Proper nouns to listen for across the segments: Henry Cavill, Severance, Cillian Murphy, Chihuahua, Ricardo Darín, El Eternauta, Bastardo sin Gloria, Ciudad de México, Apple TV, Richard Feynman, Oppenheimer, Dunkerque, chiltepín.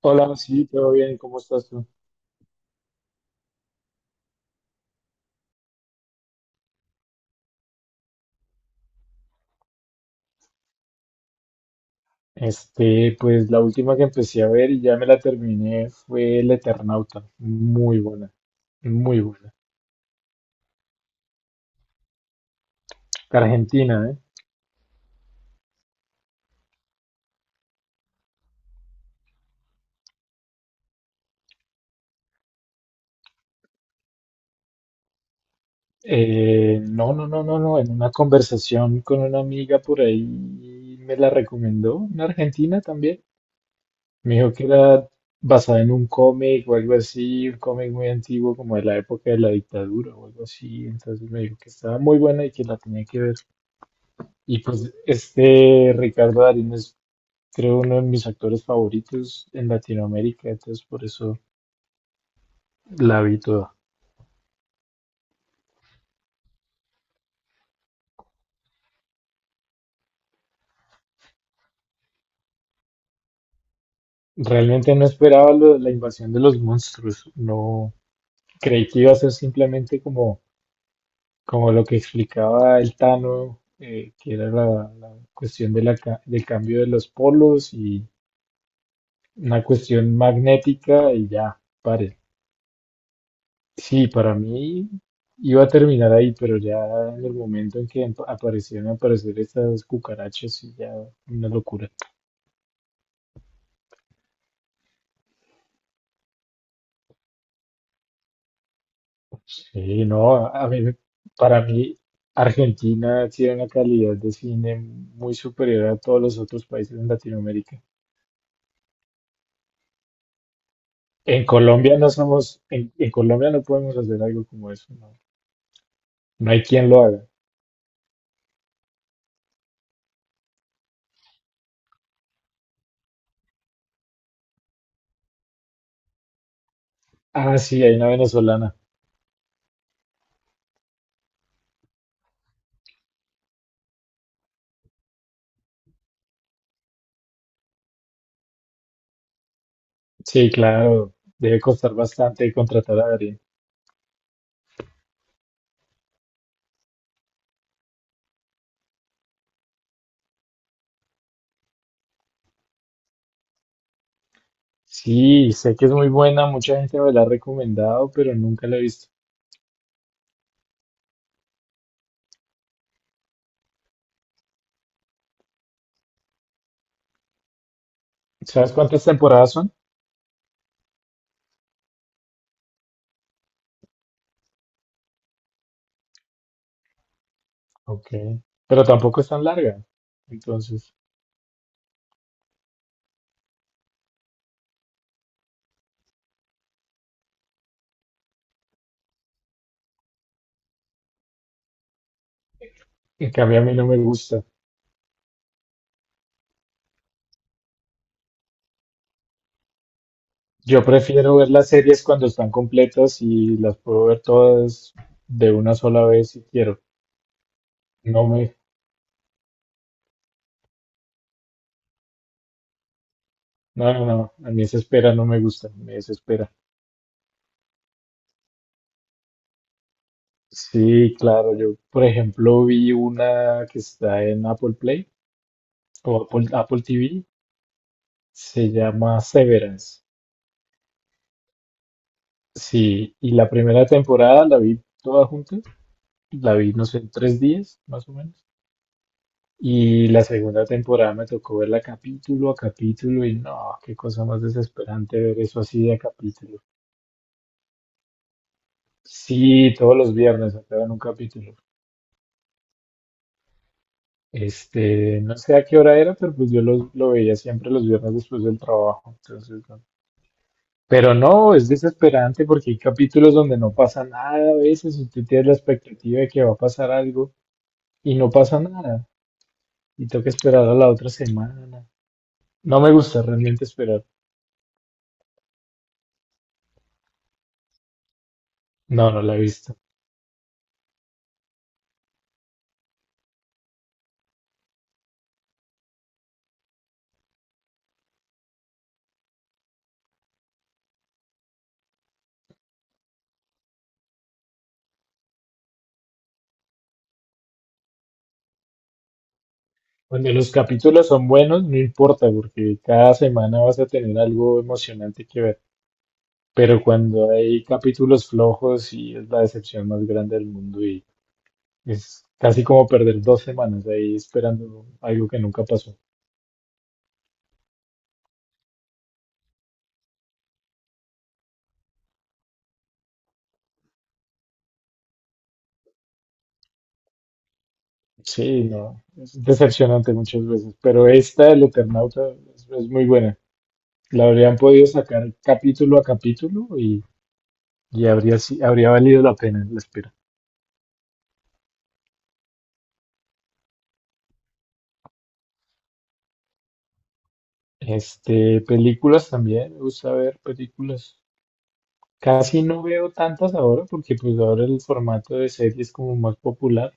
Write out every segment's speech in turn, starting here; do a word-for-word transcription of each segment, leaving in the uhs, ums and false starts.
Hola, sí, todo bien, ¿cómo estás tú? Este, pues la última que empecé a ver y ya me la terminé fue El Eternauta. Muy buena, muy buena. Argentina, ¿eh? Eh, no, no, no, no, no. En una conversación con una amiga por ahí me la recomendó, una argentina también. Me dijo que era basada en un cómic o algo así, un cómic muy antiguo como de la época de la dictadura o algo así. Entonces me dijo que estaba muy buena y que la tenía que ver. Y pues este Ricardo Darín es, creo, uno de mis actores favoritos en Latinoamérica, entonces por eso la vi toda. Realmente no esperaba lo de la invasión de los monstruos, no creí que iba a ser simplemente como, como lo que explicaba el Tano, eh, que era la, la cuestión de la ca- del cambio de los polos y una cuestión magnética y ya, pare. Sí, para mí iba a terminar ahí, pero ya en el momento en que emp- aparecieron aparecer estas cucarachas, sí, ya una locura. Sí, no, a a mí, me- para mí Argentina tiene una calidad de cine muy superior a todos los otros países en Latinoamérica. En Colombia no somos, en, en Colombia no podemos hacer algo como eso, no, no hay quien lo haga. Ah, sí, hay una venezolana. Sí, claro, debe costar bastante contratar a Darín. Sí, sé que es muy buena, mucha gente me la ha recomendado, pero nunca la he visto. ¿Sabes cuántas temporadas son? Ok, pero tampoco es tan larga. Entonces, en cambio a mí no me gusta. Yo prefiero ver las series cuando están completas y las puedo ver todas de una sola vez si quiero. No me, no, no, no, a mí esa espera no me gusta, me desespera. Sí, claro, yo por ejemplo vi una que está en Apple Play o Apple, Apple T V, se llama Severance. Sí, y la primera temporada la vi toda junta, la vi, no sé, en tres días, más o menos. Y la segunda temporada me tocó verla capítulo a capítulo y no, qué cosa más desesperante ver eso así de a capítulo. Sí, todos los viernes sacaban un capítulo. Este, no sé a qué hora era, pero pues yo los- lo veía siempre los viernes después del trabajo. Entonces, no. Pero no, es desesperante porque hay capítulos donde no pasa nada a veces, usted tiene la expectativa de que va a pasar algo y no pasa nada. Y tengo que esperar a la otra semana. No me gusta realmente esperar. No, no la he visto. Cuando los capítulos son buenos, no importa, porque cada semana vas a tener algo emocionante que ver. Pero cuando hay capítulos flojos, sí es la decepción más grande del mundo y es casi como perder dos semanas ahí esperando algo que nunca pasó. Sí, no, es decepcionante muchas veces, pero esta, El Eternauta, es, es, muy buena. La habrían podido sacar capítulo a capítulo y Y habría, si- habría valido la pena la espera. Este, películas también, me gusta ver películas. Casi no veo tantas ahora porque pues ahora el formato de serie es como más popular,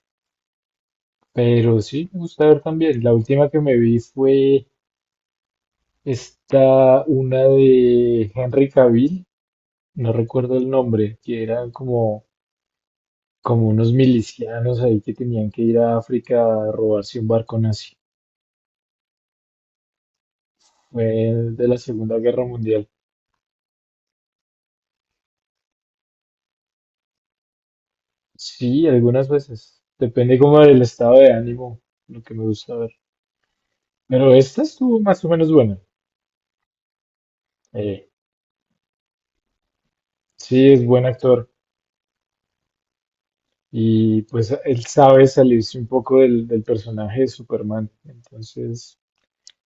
pero sí me gusta ver también. La última que me vi fue esta, una de Henry Cavill, no recuerdo el nombre, que eran como, como unos milicianos ahí que tenían que ir a África a robarse un barco nazi. Fue de la Segunda Guerra Mundial. Sí, algunas veces. Depende como del estado de ánimo, lo que me gusta ver. Pero esta estuvo más o menos buena. Eh, sí, es buen actor. Y pues él sabe salirse un poco del, del personaje de Superman. Entonces,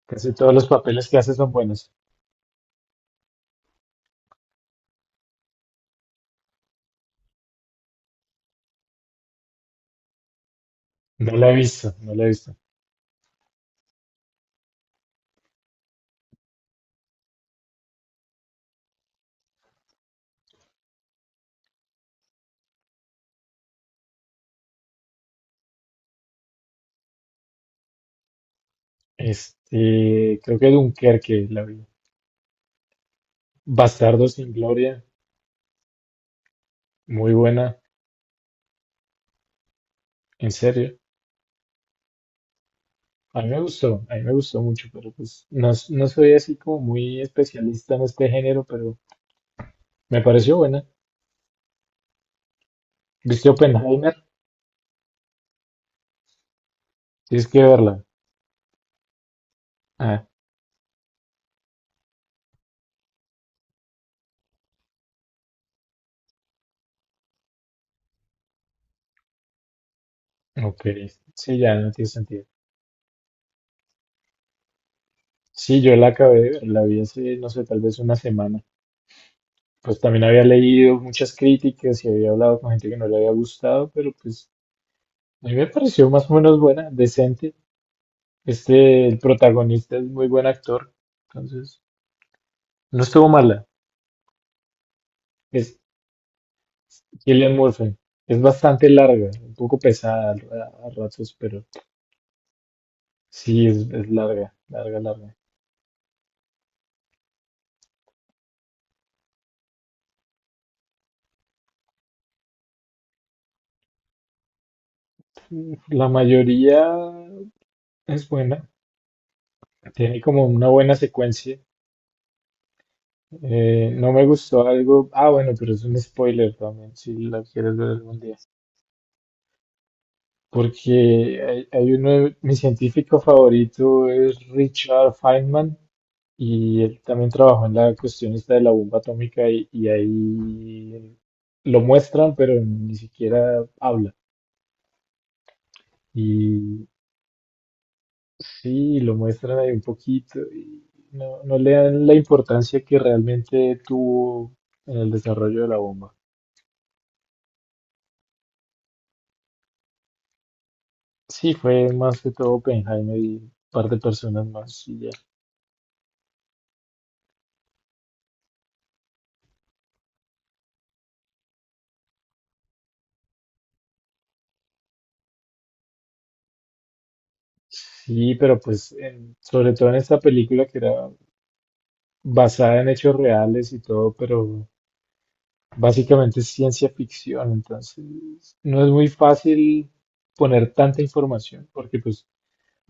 casi todos los papeles que hace son buenos. No la he visto, no la he visto. Este, creo que Dunkerque la vi. Bastardo sin Gloria, muy buena. En serio, a mí me gustó, a mí me gustó mucho, pero pues no, s- no soy así como muy especialista en este género, pero me pareció buena. ¿Viste Oppenheimer? Tienes que verla. Ah, ok. Sí, ya no tiene sentido. Sí, yo la acabé de ver, la vi hace, no sé, tal vez una semana. Pues también había leído muchas críticas y había hablado con gente que no le había gustado, pero pues a mí me pareció más o menos buena, decente. Este, el protagonista es muy buen actor, entonces no estuvo mala. Cillian Murphy. Es bastante larga, un poco pesada a, a ratos, pero sí es, es, larga, larga, larga. La mayoría es buena, tiene como una buena secuencia. Eh, no me gustó algo, ah, bueno, pero es un spoiler también, si la quieres ver algún día. Porque hay, hay uno, de- mi científico favorito es Richard Feynman. Y él también trabajó en la cuestión esta de la bomba atómica y, y ahí lo muestran, pero ni siquiera habla. Y sí, lo muestran ahí un poquito y no, no le dan la importancia que realmente tuvo en el desarrollo de la bomba. Sí, fue más que todo Oppenheimer y un par de personas más y ya. Sí, pero pues en- sobre todo en esta película que era basada en hechos reales y todo, pero básicamente es ciencia ficción, entonces no es muy fácil poner tanta información, porque pues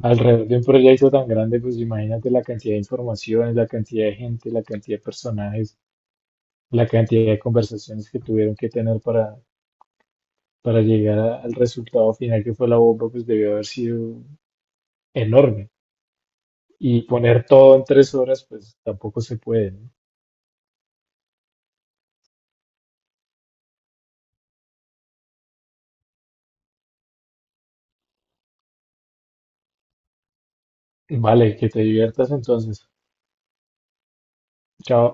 alrededor de un proyecto tan grande, pues imagínate la cantidad de informaciones, la cantidad de gente, la cantidad de personajes, la cantidad de conversaciones que tuvieron que tener para, para llegar a- al resultado final que fue la bomba, pues debió haber sido enorme. Y poner todo en tres horas, pues tampoco se puede, ¿no? Vale, que te diviertas entonces. Chao.